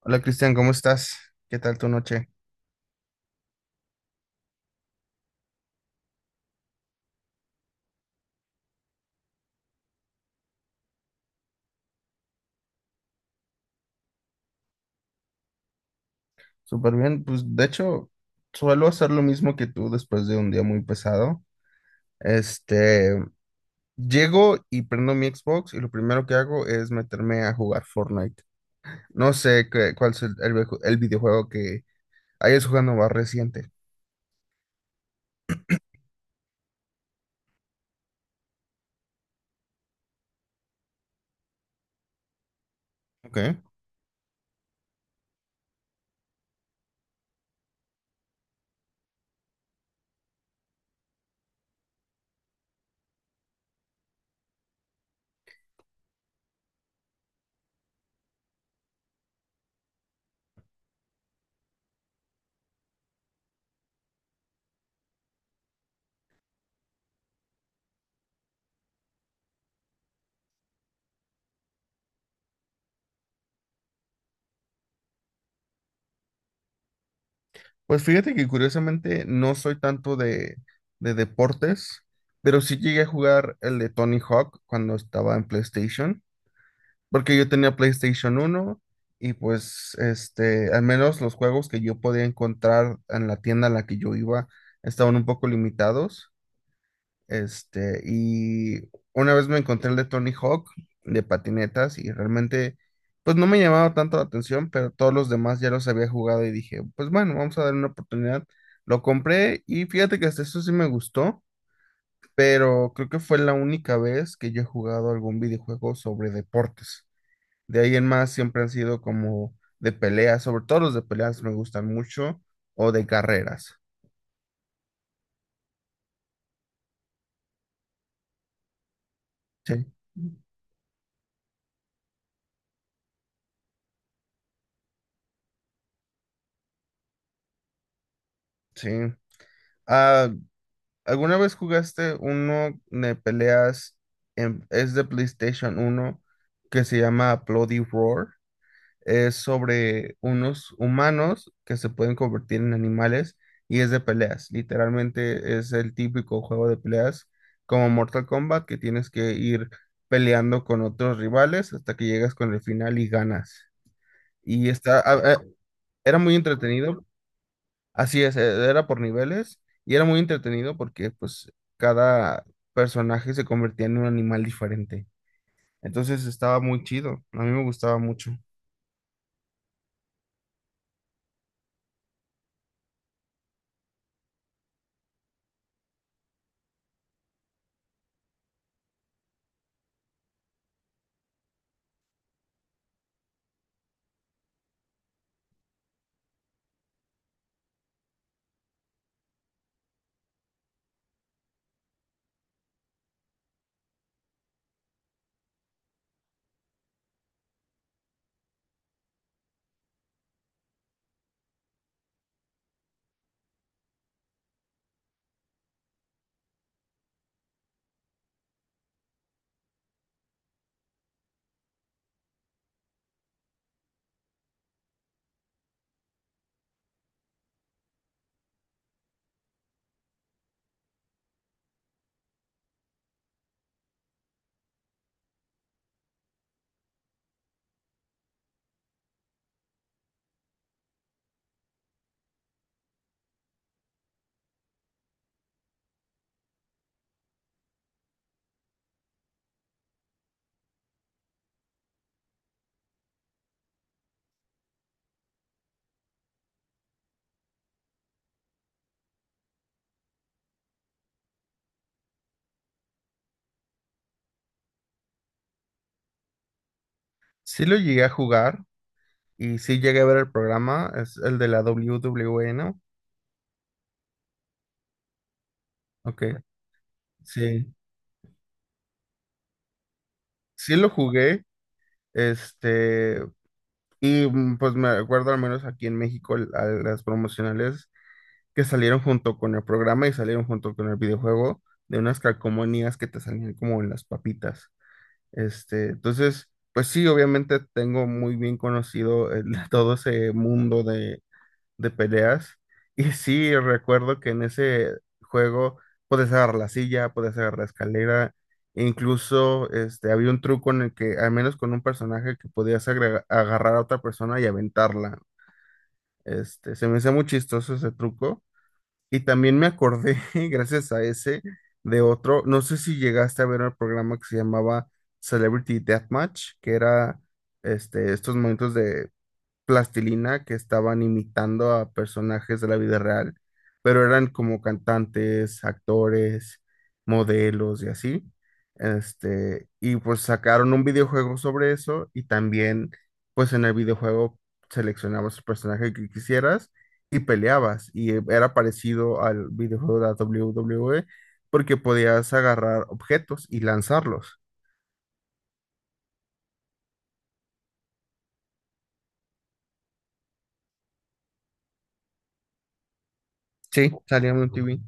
Hola, Cristian, ¿cómo estás? ¿Qué tal tu noche? Súper bien, pues de hecho suelo hacer lo mismo que tú después de un día muy pesado. Este, Llego y prendo mi Xbox y lo primero que hago es meterme a jugar Fortnite. No sé cuál es el videojuego que hayas jugando más reciente. Ok. Pues fíjate que curiosamente no soy tanto de deportes, pero sí llegué a jugar el de Tony Hawk cuando estaba en PlayStation. Porque yo tenía PlayStation uno y pues al menos los juegos que yo podía encontrar en la tienda a la que yo iba estaban un poco limitados. Y una vez me encontré el de Tony Hawk de patinetas y realmente pues no me llamaba tanto la atención, pero todos los demás ya los había jugado y dije, pues bueno, vamos a darle una oportunidad. Lo compré y fíjate que hasta eso sí me gustó, pero creo que fue la única vez que yo he jugado algún videojuego sobre deportes. De ahí en más siempre han sido como de peleas, sobre todo los de peleas me gustan mucho, o de carreras. Sí. Sí. Ah, ¿alguna vez jugaste uno de peleas en, es de PlayStation uno que se llama Bloody Roar? Es sobre unos humanos que se pueden convertir en animales y es de peleas. Literalmente es el típico juego de peleas como Mortal Kombat que tienes que ir peleando con otros rivales hasta que llegas con el final y ganas. Y está, era muy entretenido, así es, era por niveles y era muy entretenido porque pues cada personaje se convertía en un animal diferente. Entonces estaba muy chido, a mí me gustaba mucho. Sí lo llegué a jugar, y sí llegué a ver el programa, es el de la w WWE, ¿no? Ok, sí, sí lo jugué, este, y mm, pues me acuerdo al menos aquí en México a las promocionales que salieron junto con el programa y salieron junto con el videojuego de unas calcomanías que te salían como en las papitas. Entonces, pues sí, obviamente tengo muy bien conocido todo ese mundo de peleas. Y sí, recuerdo que en ese juego puedes agarrar la silla, puedes agarrar la escalera, e incluso había un truco en el que, al menos con un personaje, que podías agarrar a otra persona y aventarla. Se me hacía muy chistoso ese truco. Y también me acordé, gracias a ese, de otro, no sé si llegaste a ver el programa que se llamaba Celebrity Deathmatch, que era estos momentos de plastilina que estaban imitando a personajes de la vida real, pero eran como cantantes, actores, modelos y así. Y pues sacaron un videojuego sobre eso y también pues en el videojuego seleccionabas el personaje que quisieras y peleabas y era parecido al videojuego de la WWE porque podías agarrar objetos y lanzarlos. Sí, salía en un T V.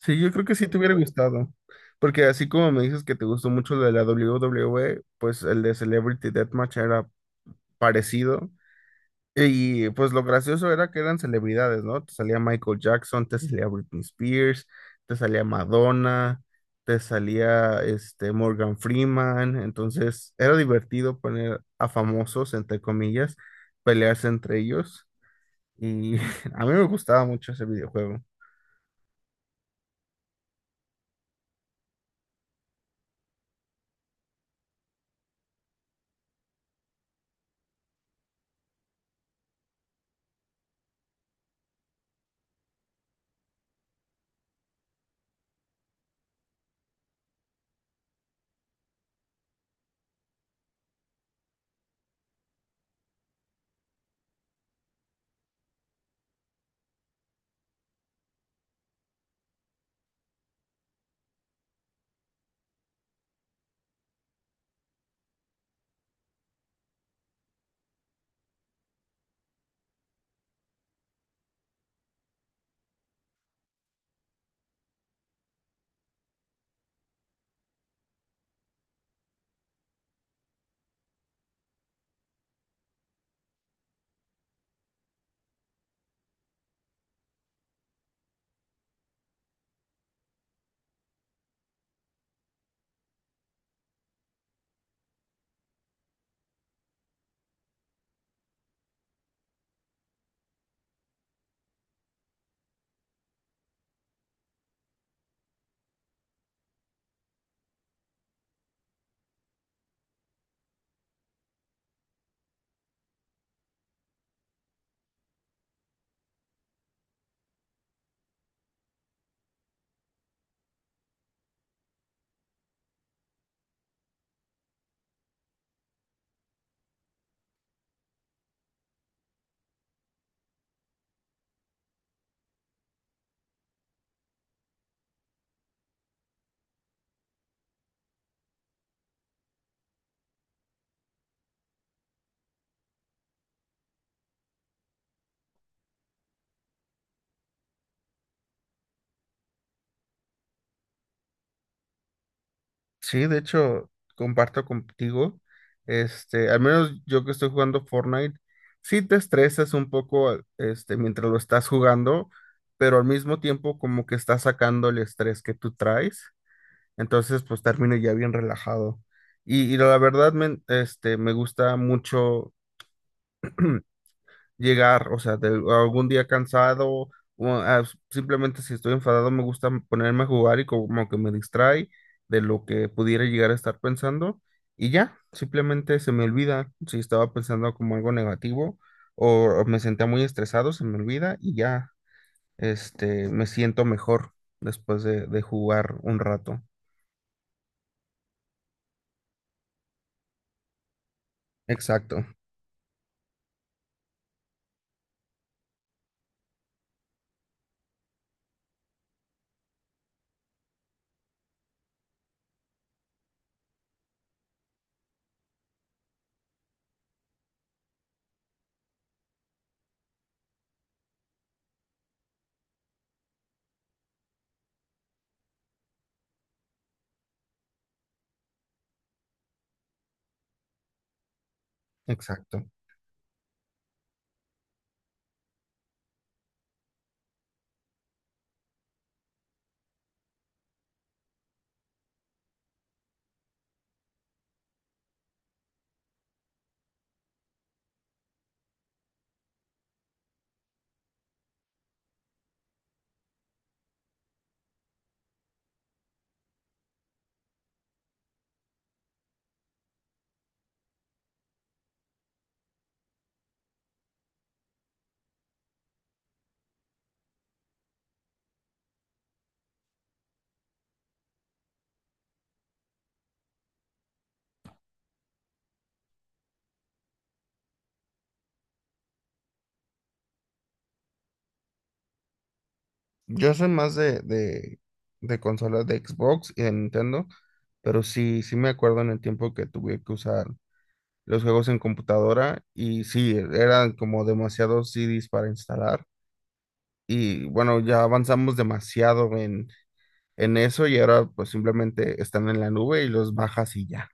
Sí, yo creo que sí te hubiera gustado, porque así como me dices que te gustó mucho lo de la WWE, pues el de Celebrity Deathmatch era parecido. Y pues lo gracioso era que eran celebridades, ¿no? Te salía Michael Jackson, te salía Britney Spears, te salía Madonna, te salía este Morgan Freeman, entonces era divertido poner a famosos, entre comillas, pelearse entre ellos y a mí me gustaba mucho ese videojuego. Sí, de hecho, comparto contigo. Al menos yo que estoy jugando Fortnite, sí te estresas un poco, mientras lo estás jugando, pero al mismo tiempo como que estás sacando el estrés que tú traes. Entonces, pues termino ya bien relajado. Y la verdad, me gusta mucho llegar, o sea, de algún día cansado, o ah, simplemente si estoy enfadado me gusta ponerme a jugar y como que me distrae de lo que pudiera llegar a estar pensando y ya, simplemente se me olvida si estaba pensando como algo negativo o, o me sentía muy estresado, se me olvida y ya, me siento mejor después de jugar un rato. Exacto, exacto. Yo soy más de consolas de Xbox y de Nintendo, pero sí, sí me acuerdo en el tiempo que tuve que usar los juegos en computadora y sí, eran como demasiados CDs para instalar. Y bueno, ya avanzamos demasiado en eso y ahora pues simplemente están en la nube y los bajas y ya.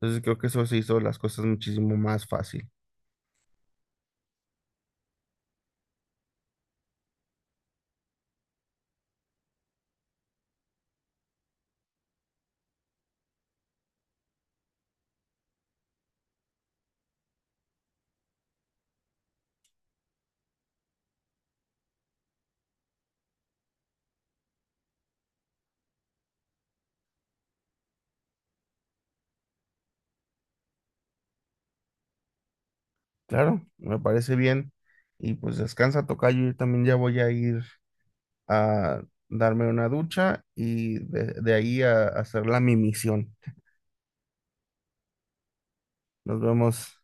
Entonces creo que eso se hizo las cosas muchísimo más fácil. Claro, me parece bien. Y pues descansa, tocayo, yo también ya voy a ir a darme una ducha y de ahí a hacer la mi misión. Nos vemos.